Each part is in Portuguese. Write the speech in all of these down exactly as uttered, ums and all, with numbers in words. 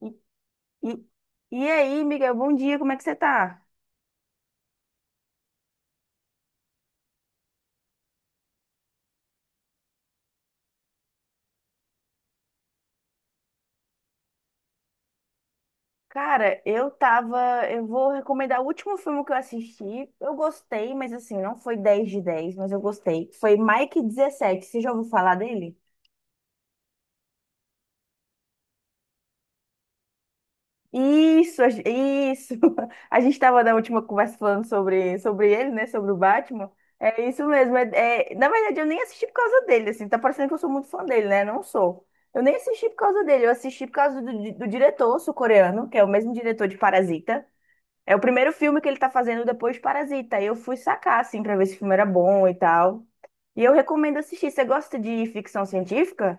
E, e- e aí, Miguel, bom dia, como é que você tá? Cara, eu tava. Eu vou recomendar o último filme que eu assisti. Eu gostei, mas assim, não foi dez de dez, mas eu gostei. Foi Mike dezessete. Você já ouviu falar dele? Isso, a gen- isso. A gente tava na última conversa falando sobre, sobre ele, né? Sobre o Batman. É isso mesmo. É, é- na verdade, eu nem assisti por causa dele, assim. Tá parecendo que eu sou muito fã dele, né? Não sou. Eu nem assisti por causa dele, eu assisti por causa do, di- do diretor sul-coreano, que é o mesmo diretor de Parasita. É o primeiro filme que ele tá fazendo depois de Parasita. Aí eu fui sacar, assim, pra ver se o filme era bom e tal. E eu recomendo assistir. Você gosta de ficção científica?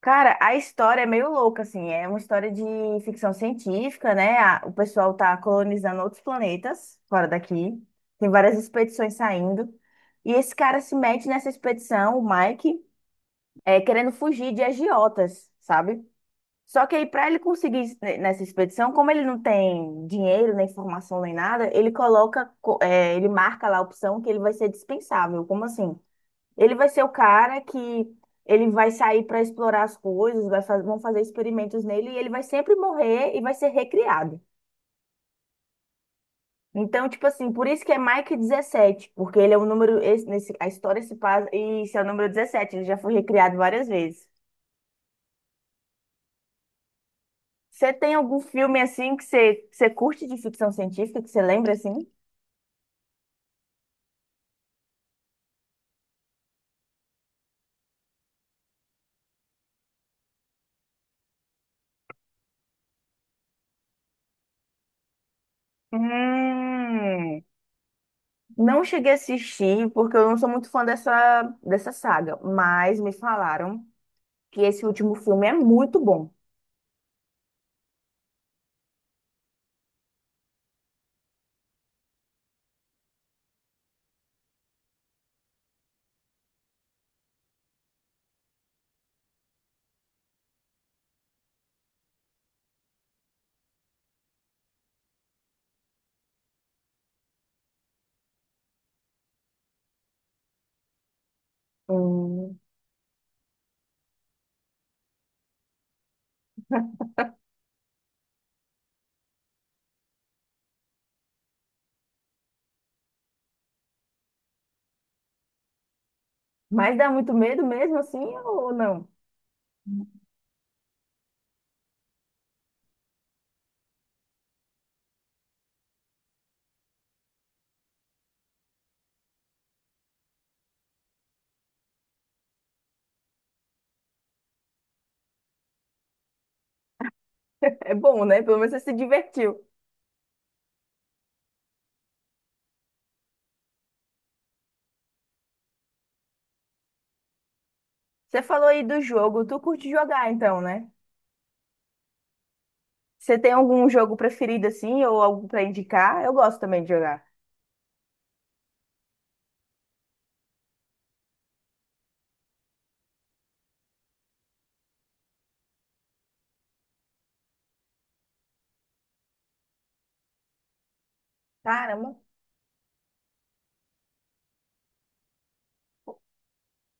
Cara, a história é meio louca, assim. É uma história de ficção científica, né? A- O pessoal tá colonizando outros planetas fora daqui. Tem várias expedições saindo. E esse cara se mete nessa expedição, o Mike, é, querendo fugir de agiotas, sabe? Só que aí, para ele conseguir ne- nessa expedição, como ele não tem dinheiro, nem formação, nem nada, ele coloca, co- eh, ele marca lá a opção que ele vai ser dispensável. Como assim? Ele vai ser o cara que ele vai sair para explorar as coisas, vai fa- vão fazer experimentos nele e ele vai sempre morrer e vai ser recriado. Então, tipo assim, por isso que é Mike dezessete, porque ele é o número, esse, nesse, a história se passa, e esse é o número dezessete, ele já foi recriado várias vezes. Você tem algum filme assim que você, que você curte de ficção científica, que você lembra assim? Hum, não cheguei a assistir porque eu não sou muito fã dessa, dessa saga, mas me falaram que esse último filme é muito bom. Hum, mas dá muito medo mesmo assim ou não? É bom, né? Pelo menos você se divertiu. Você falou aí do jogo, tu curte jogar então, né? Você tem algum jogo preferido assim ou algo pra indicar? Eu gosto também de jogar. Caramba.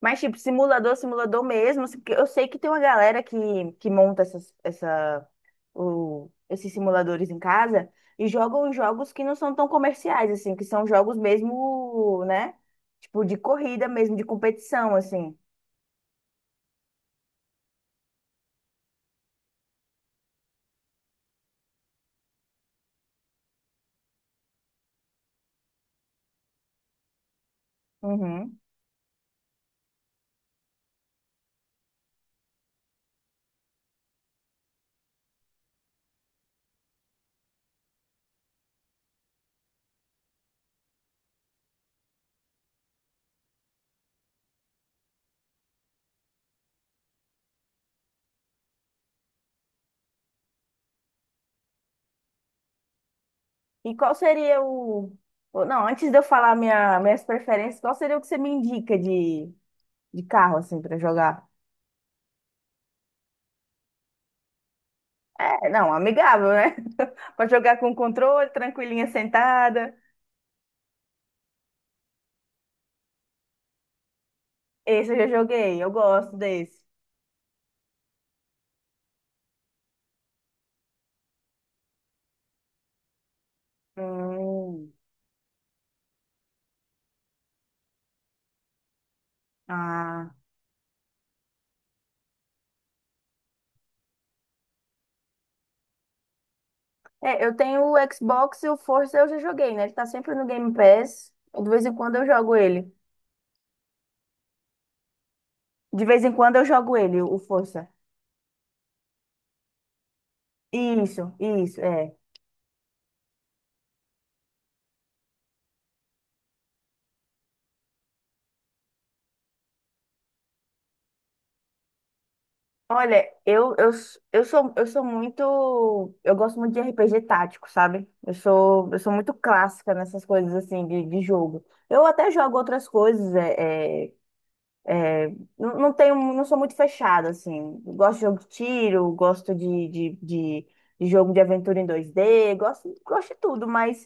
Mas tipo, simulador, simulador mesmo, assim, porque eu sei que tem uma galera que, que monta essas, essa o- esses simuladores em casa e jogam jogos que não são tão comerciais, assim, que são jogos mesmo, né? Tipo, de corrida mesmo, de competição, assim. Uhum. E qual seria o. o- Não, antes de eu falar minha, minhas preferências, qual seria o que você me indica de, de carro, assim, pra jogar? É, não, amigável, né? Pra jogar com controle, tranquilinha, sentada. Esse eu já joguei, eu gosto desse. Hum. Ah. É, eu tenho o Xbox e o Forza eu já joguei, né? Ele tá sempre no Game Pass. De vez em quando eu jogo ele. De vez em quando eu jogo ele, o Forza. Isso, isso, é. Olha, eu, eu, s- eu sou, eu sou muito. Eu gosto muito de R P G tático, sabe? Eu sou, eu sou muito clássica nessas coisas assim de, de jogo. Eu até jogo outras coisas, é, é, É, não, não tenho, não sou muito fechada, assim. Gosto de jogo de tiro, gosto de, de, de, de jogo de aventura em dois dê gosto, gosto de tudo, mas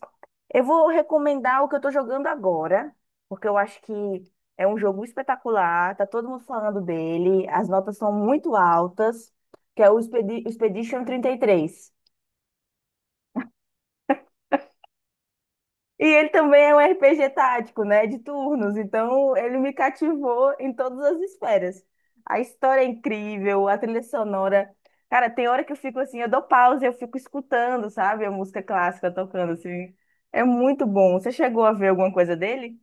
eu vou recomendar o que eu tô jogando agora, porque eu acho que é um jogo espetacular, tá todo mundo falando dele, as notas são muito altas, que é o Expedi- Expedition trinta e três. E ele também é um R P G tático, né? De turnos. Então, ele me cativou em todas as esferas. A história é incrível, a trilha sonora. Cara, tem hora que eu fico assim, eu dou pausa e eu fico escutando, sabe? A música clássica tocando, assim. É muito bom. Você chegou a ver alguma coisa dele?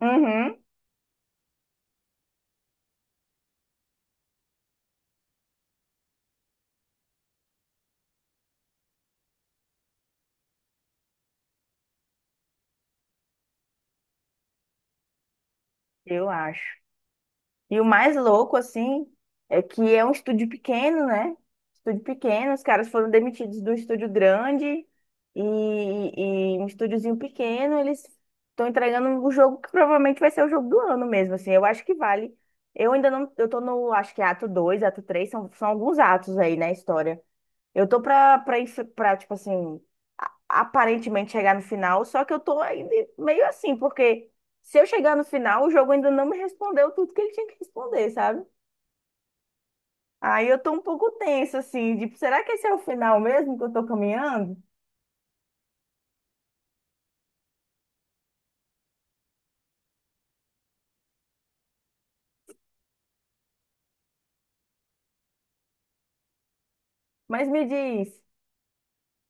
Uhum, eu acho. E o mais louco, assim, é que é um estúdio pequeno, né? Estúdio pequeno, os caras foram demitidos do estúdio grande e, e um estúdiozinho pequeno, eles estão entregando o jogo que provavelmente vai ser o jogo do ano mesmo, assim. Eu acho que vale. Eu ainda não, eu tô no, acho que é ato dois, ato três, são, são alguns atos aí na história. Eu tô pra, pra, inf- pra, tipo assim, aparentemente chegar no final, só que eu tô ainda meio assim, porque se eu chegar no final, o jogo ainda não me respondeu tudo que ele tinha que responder, sabe? Aí eu tô um pouco tensa, assim, de será que esse é o final mesmo que eu tô caminhando? Mas me diz,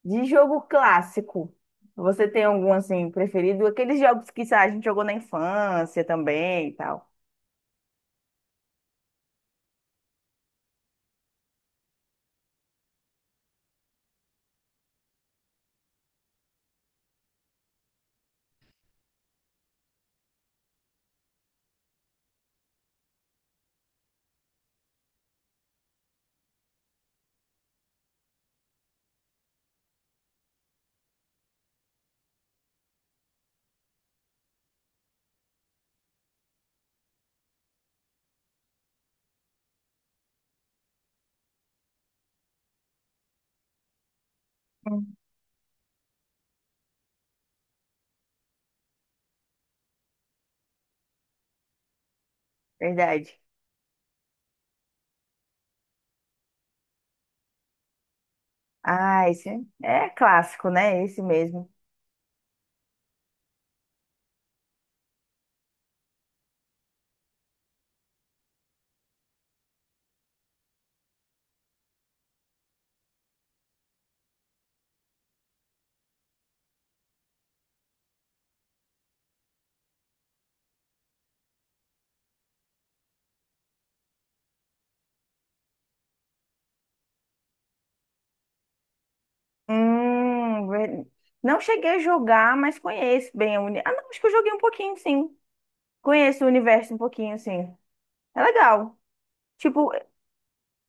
de jogo clássico, você tem algum, assim, preferido? Aqueles jogos que, sei lá, a gente jogou na infância também e tal. Hum. Verdade. Ah, esse é clássico, né? Esse mesmo. Hum, ver- não cheguei a jogar, mas conheço bem a uni... Ah, não, acho que eu joguei um pouquinho, sim. Conheço o universo um pouquinho, sim. É legal. Tipo,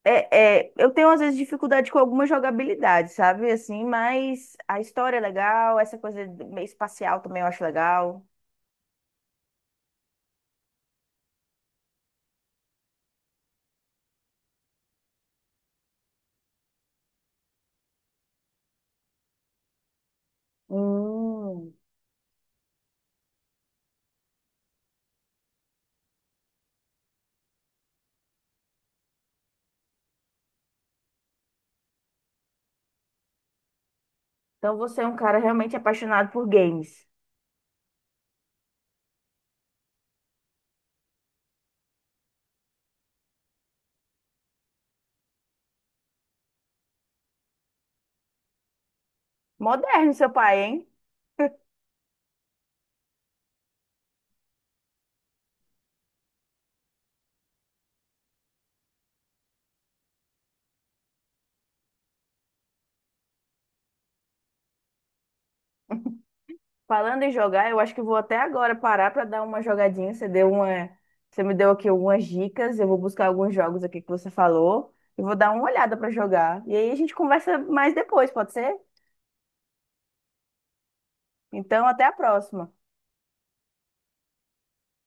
é, é, eu tenho às vezes dificuldade com alguma jogabilidade, sabe? Assim, mas a história é legal, essa coisa meio espacial também eu acho legal. Hum. Então você é um cara realmente apaixonado por games. Moderno, seu pai, hein? Falando em jogar, eu acho que vou até agora parar para dar uma jogadinha. Você deu uma, você me deu aqui algumas dicas. Eu vou buscar alguns jogos aqui que você falou e vou dar uma olhada para jogar. E aí a gente conversa mais depois, pode ser? Então, até a próxima.